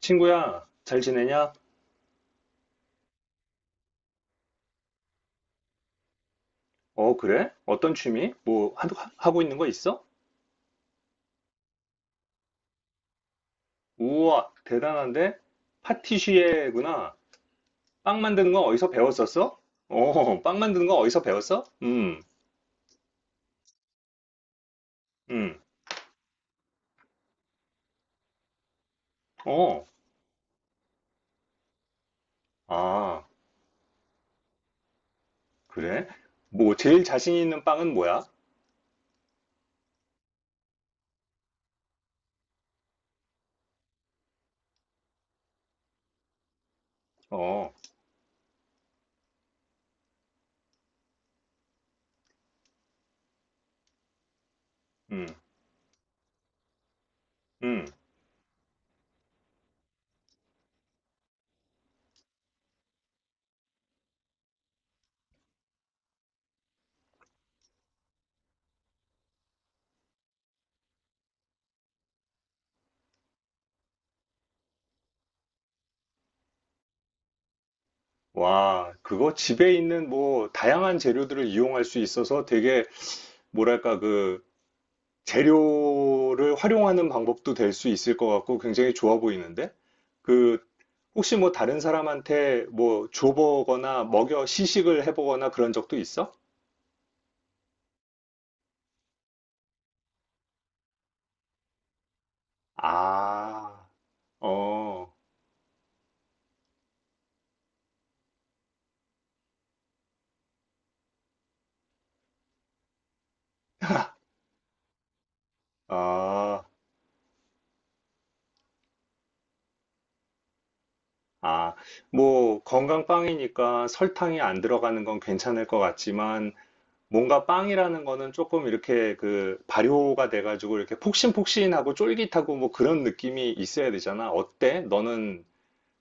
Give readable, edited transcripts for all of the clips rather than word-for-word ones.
친구야, 잘 지내냐? 어, 그래? 어떤 취미? 뭐, 하고 있는 거 있어? 우와, 대단한데? 파티시에구나. 빵 만드는 거 어디서 배웠었어? 어, 빵 만드는 거 어디서 배웠어? 음, 어, 아, 그래? 뭐, 제일 자신 있는 빵은 뭐야? 어, 음, 음. 와, 그거 집에 있는 뭐, 다양한 재료들을 이용할 수 있어서 되게, 뭐랄까, 그, 재료를 활용하는 방법도 될 수 있을 것 같고 굉장히 좋아 보이는데? 그, 혹시 뭐 다른 사람한테 뭐 줘보거나 먹여 시식을 해보거나 그런 적도 있어? 아, 어, 아, 아. 뭐 건강빵이니까 설탕이 안 들어가는 건 괜찮을 것 같지만 뭔가 빵이라는 거는 조금 이렇게 그 발효가 돼가지고 이렇게 폭신폭신하고 쫄깃하고 뭐 그런 느낌이 있어야 되잖아. 어때? 너는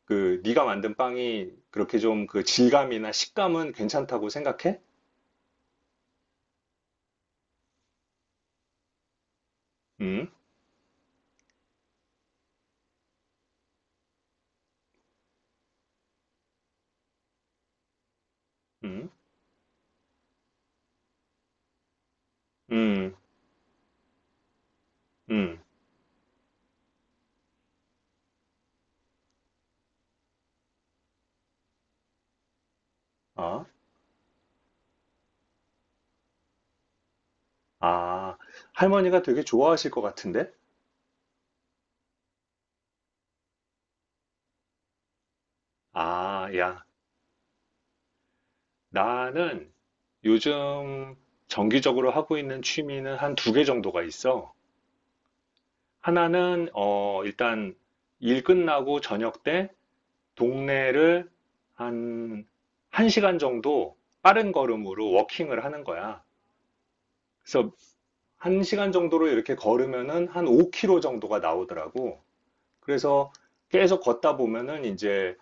그 네가 만든 빵이 그렇게 좀 그 질감이나 식감은 괜찮다고 생각해? 음, 음, 음, 음. 어, 아, 할머니가 되게 좋아하실 것 같은데? 아, 야, 나는 요즘 정기적으로 하고 있는 취미는 한 두 개 정도가 있어. 하나는 어 일단 일 끝나고 저녁 때 동네를 한 1시간 정도 빠른 걸음으로 워킹을 하는 거야. 그래서 한시간 정도로 이렇게 걸으면은 한 5km 정도가 나오더라고. 그래서 계속 걷다 보면은 이제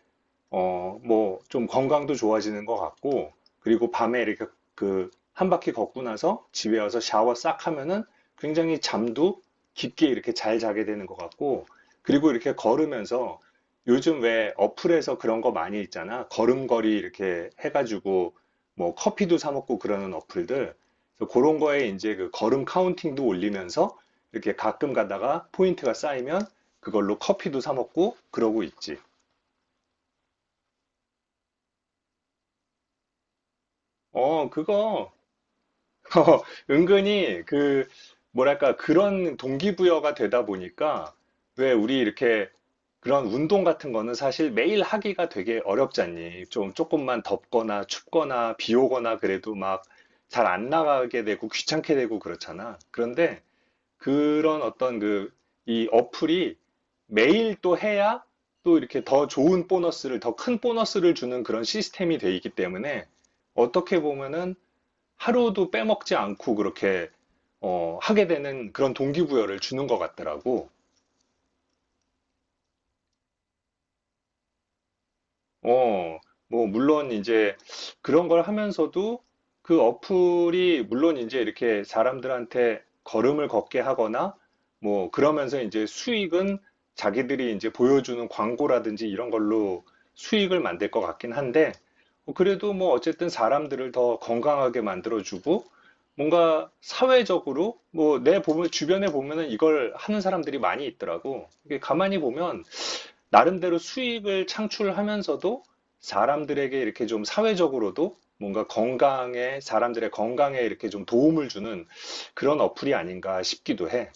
어, 뭐, 좀 건강도 좋아지는 것 같고, 그리고 밤에 이렇게 그, 한 바퀴 걷고 나서 집에 와서 샤워 싹 하면은 굉장히 잠도 깊게 이렇게 잘 자게 되는 것 같고, 그리고 이렇게 걸으면서 요즘 왜 어플에서 그런 거 많이 있잖아. 걸음걸이 이렇게 해가지고 뭐 커피도 사 먹고 그러는 어플들. 그래서 그런 거에 이제 그 걸음 카운팅도 올리면서 이렇게 가끔 가다가 포인트가 쌓이면 그걸로 커피도 사 먹고 그러고 있지. 어, 그거 어, 은근히 그 뭐랄까 그런 동기부여가 되다 보니까 왜 우리 이렇게 그런 운동 같은 거는 사실 매일 하기가 되게 어렵잖니. 좀 조금만 덥거나 춥거나 비 오거나 그래도 막 잘 안 나가게 되고 귀찮게 되고 그렇잖아. 그런데 그런 어떤 그 이 어플이 매일 또 해야 또 이렇게 더 좋은 보너스를, 더 큰 보너스를 주는 그런 시스템이 돼 있기 때문에 어떻게 보면은 하루도 빼먹지 않고 그렇게 어, 하게 되는 그런 동기부여를 주는 것 같더라고. 어, 뭐, 물론 이제 그런 걸 하면서도 그 어플이 물론 이제 이렇게 사람들한테 걸음을 걷게 하거나 뭐, 그러면서 이제 수익은 자기들이 이제 보여주는 광고라든지 이런 걸로 수익을 만들 것 같긴 한데, 어, 그래도 뭐 어쨌든 사람들을 더 건강하게 만들어주고 뭔가 사회적으로 뭐 내 보면 주변에 보면은 이걸 하는 사람들이 많이 있더라고. 이게 가만히 보면 나름대로 수익을 창출하면서도 사람들에게 이렇게 좀 사회적으로도 뭔가 건강에, 사람들의 건강에 이렇게 좀 도움을 주는 그런 어플이 아닌가 싶기도 해.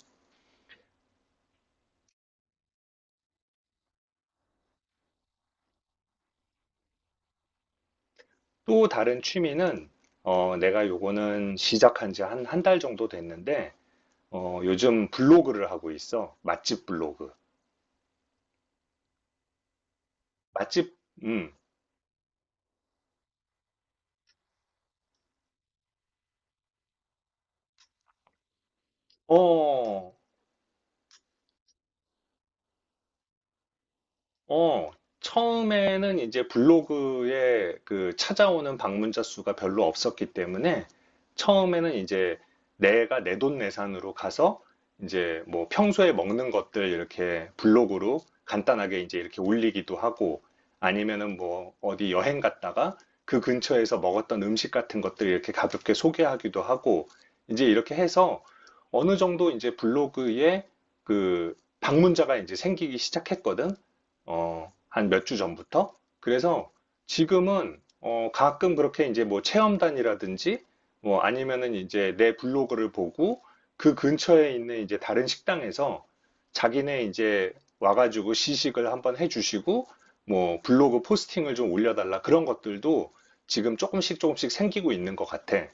또 다른 취미는, 어, 내가 요거는 시작한 지 한 달 정도 됐는데, 어, 요즘 블로그를 하고 있어. 맛집 블로그. 맛집, 음, 어, 어, 처음에는 이제 블로그에 그 찾아오는 방문자 수가 별로 없었기 때문에 처음에는 이제 내가 내돈내산으로 가서 이제 뭐 평소에 먹는 것들 이렇게 블로그로 간단하게 이제 이렇게 올리기도 하고 아니면은 뭐 어디 여행 갔다가 그 근처에서 먹었던 음식 같은 것들 이렇게 가볍게 소개하기도 하고 이제 이렇게 해서 어느 정도 이제 블로그에 그 방문자가 이제 생기기 시작했거든. 어, 한 몇 주 전부터. 그래서 지금은 어, 가끔 그렇게 이제 뭐 체험단이라든지 뭐 아니면은 이제 내 블로그를 보고 그 근처에 있는 이제 다른 식당에서 자기네 이제 와가지고 시식을 한번 해주시고 뭐 블로그 포스팅을 좀 올려달라 그런 것들도 지금 조금씩 조금씩 생기고 있는 것 같아.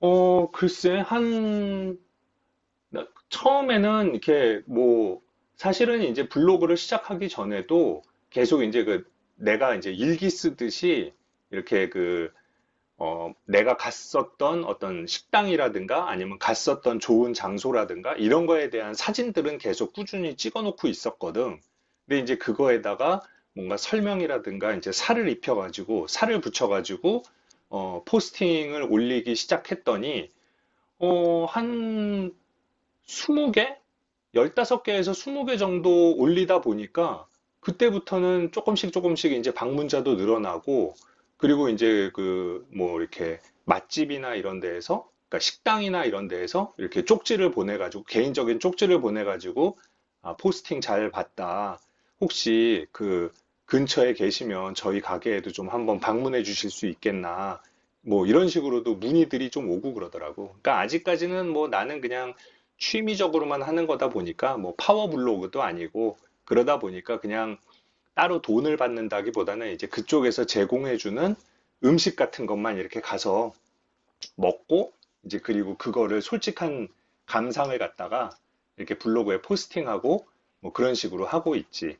어, 글쎄, 한 처음에는 이렇게 뭐 사실은 이제 블로그를 시작하기 전에도 계속 이제 그 내가 이제 일기 쓰듯이 이렇게 그 어, 내가 갔었던 어떤 식당이라든가 아니면 갔었던 좋은 장소라든가 이런 거에 대한 사진들은 계속 꾸준히 찍어 놓고 있었거든. 근데 이제 그거에다가 뭔가 설명이라든가 이제 살을 입혀가지고 살을 붙여가지고 어, 포스팅을 올리기 시작했더니 어, 한 20개? 15개에서 20개 정도 올리다 보니까 그때부터는 조금씩 조금씩 이제 방문자도 늘어나고 그리고 이제 그 뭐 이렇게 맛집이나 이런 데에서 그러니까 식당이나 이런 데에서 이렇게 쪽지를 보내가지고 개인적인 쪽지를 보내가지고 아, 포스팅 잘 봤다. 혹시 그 근처에 계시면 저희 가게에도 좀 한번 방문해 주실 수 있겠나. 뭐 이런 식으로도 문의들이 좀 오고 그러더라고. 그러니까 아직까지는 뭐 나는 그냥 취미적으로만 하는 거다 보니까 뭐 파워 블로그도 아니고 그러다 보니까 그냥 따로 돈을 받는다기보다는 이제 그쪽에서 제공해주는 음식 같은 것만 이렇게 가서 먹고 이제 그리고 그거를 솔직한 감상을 갖다가 이렇게 블로그에 포스팅하고 뭐 그런 식으로 하고 있지.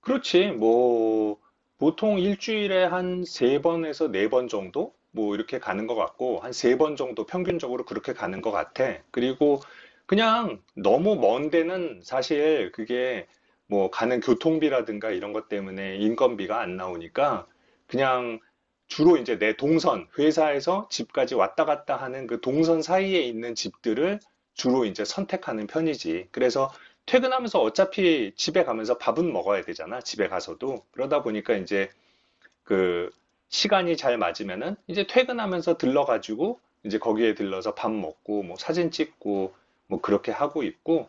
그렇지. 뭐, 보통 일주일에 한 세번에서네 번 정도? 뭐, 이렇게 가는 것 같고, 한 세 번 정도 평균적으로 그렇게 가는 것 같아. 그리고 그냥 너무 먼 데는 사실 그게 뭐, 가는 교통비라든가 이런 것 때문에 인건비가 안 나오니까, 그냥 주로 이제 내 동선, 회사에서 집까지 왔다 갔다 하는 그 동선 사이에 있는 집들을 주로 이제 선택하는 편이지. 그래서 퇴근하면서 어차피 집에 가면서 밥은 먹어야 되잖아, 집에 가서도. 그러다 보니까 이제 그 시간이 잘 맞으면은 이제 퇴근하면서 들러가지고 이제 거기에 들러서 밥 먹고 뭐 사진 찍고 뭐 그렇게 하고 있고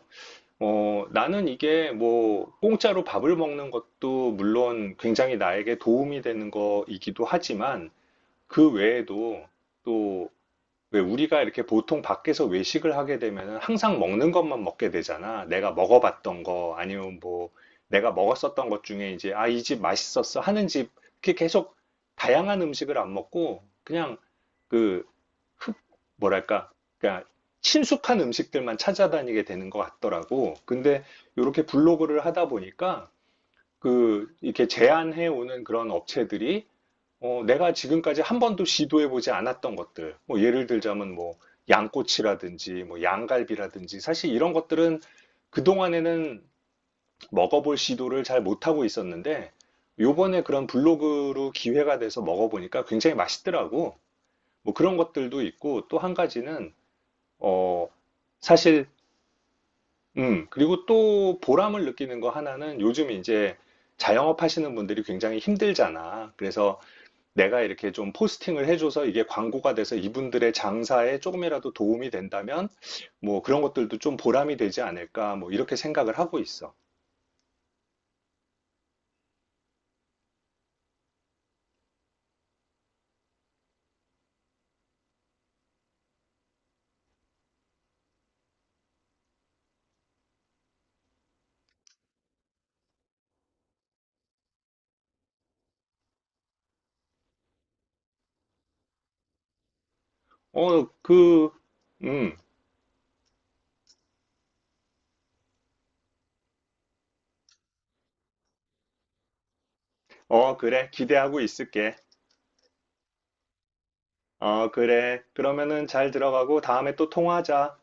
어, 나는 이게 뭐 공짜로 밥을 먹는 것도 물론 굉장히 나에게 도움이 되는 거이기도 하지만 그 외에도 또 왜 우리가 이렇게 보통 밖에서 외식을 하게 되면은 항상 먹는 것만 먹게 되잖아. 내가 먹어봤던 거 아니면 뭐 내가 먹었었던 것 중에 이제 아, 이집 맛있었어 하는 집 이렇게 계속 다양한 음식을 안 먹고 그냥 그 흡, 뭐랄까 그러니까 친숙한 음식들만 찾아다니게 되는 것 같더라고. 근데 이렇게 블로그를 하다 보니까 그 이렇게 제안해 오는 그런 업체들이 어, 내가 지금까지 한 번도 시도해보지 않았던 것들, 뭐 예를 들자면 뭐 양꼬치라든지 뭐 양갈비라든지 사실 이런 것들은 그동안에는 먹어볼 시도를 잘 못하고 있었는데 요번에 그런 블로그로 기회가 돼서 먹어보니까 굉장히 맛있더라고. 뭐 그런 것들도 있고 또 한 가지는 어, 사실 그리고 또 보람을 느끼는 거 하나는 요즘 이제 자영업 하시는 분들이 굉장히 힘들잖아. 그래서 내가 이렇게 좀 포스팅을 해줘서 이게 광고가 돼서 이분들의 장사에 조금이라도 도움이 된다면 뭐 그런 것들도 좀 보람이 되지 않을까 뭐 이렇게 생각을 하고 있어. 어, 그, 음, 어, 그래. 기대하고 있을게. 어, 그래. 그러면은 잘 들어가고 다음에 또 통화하자.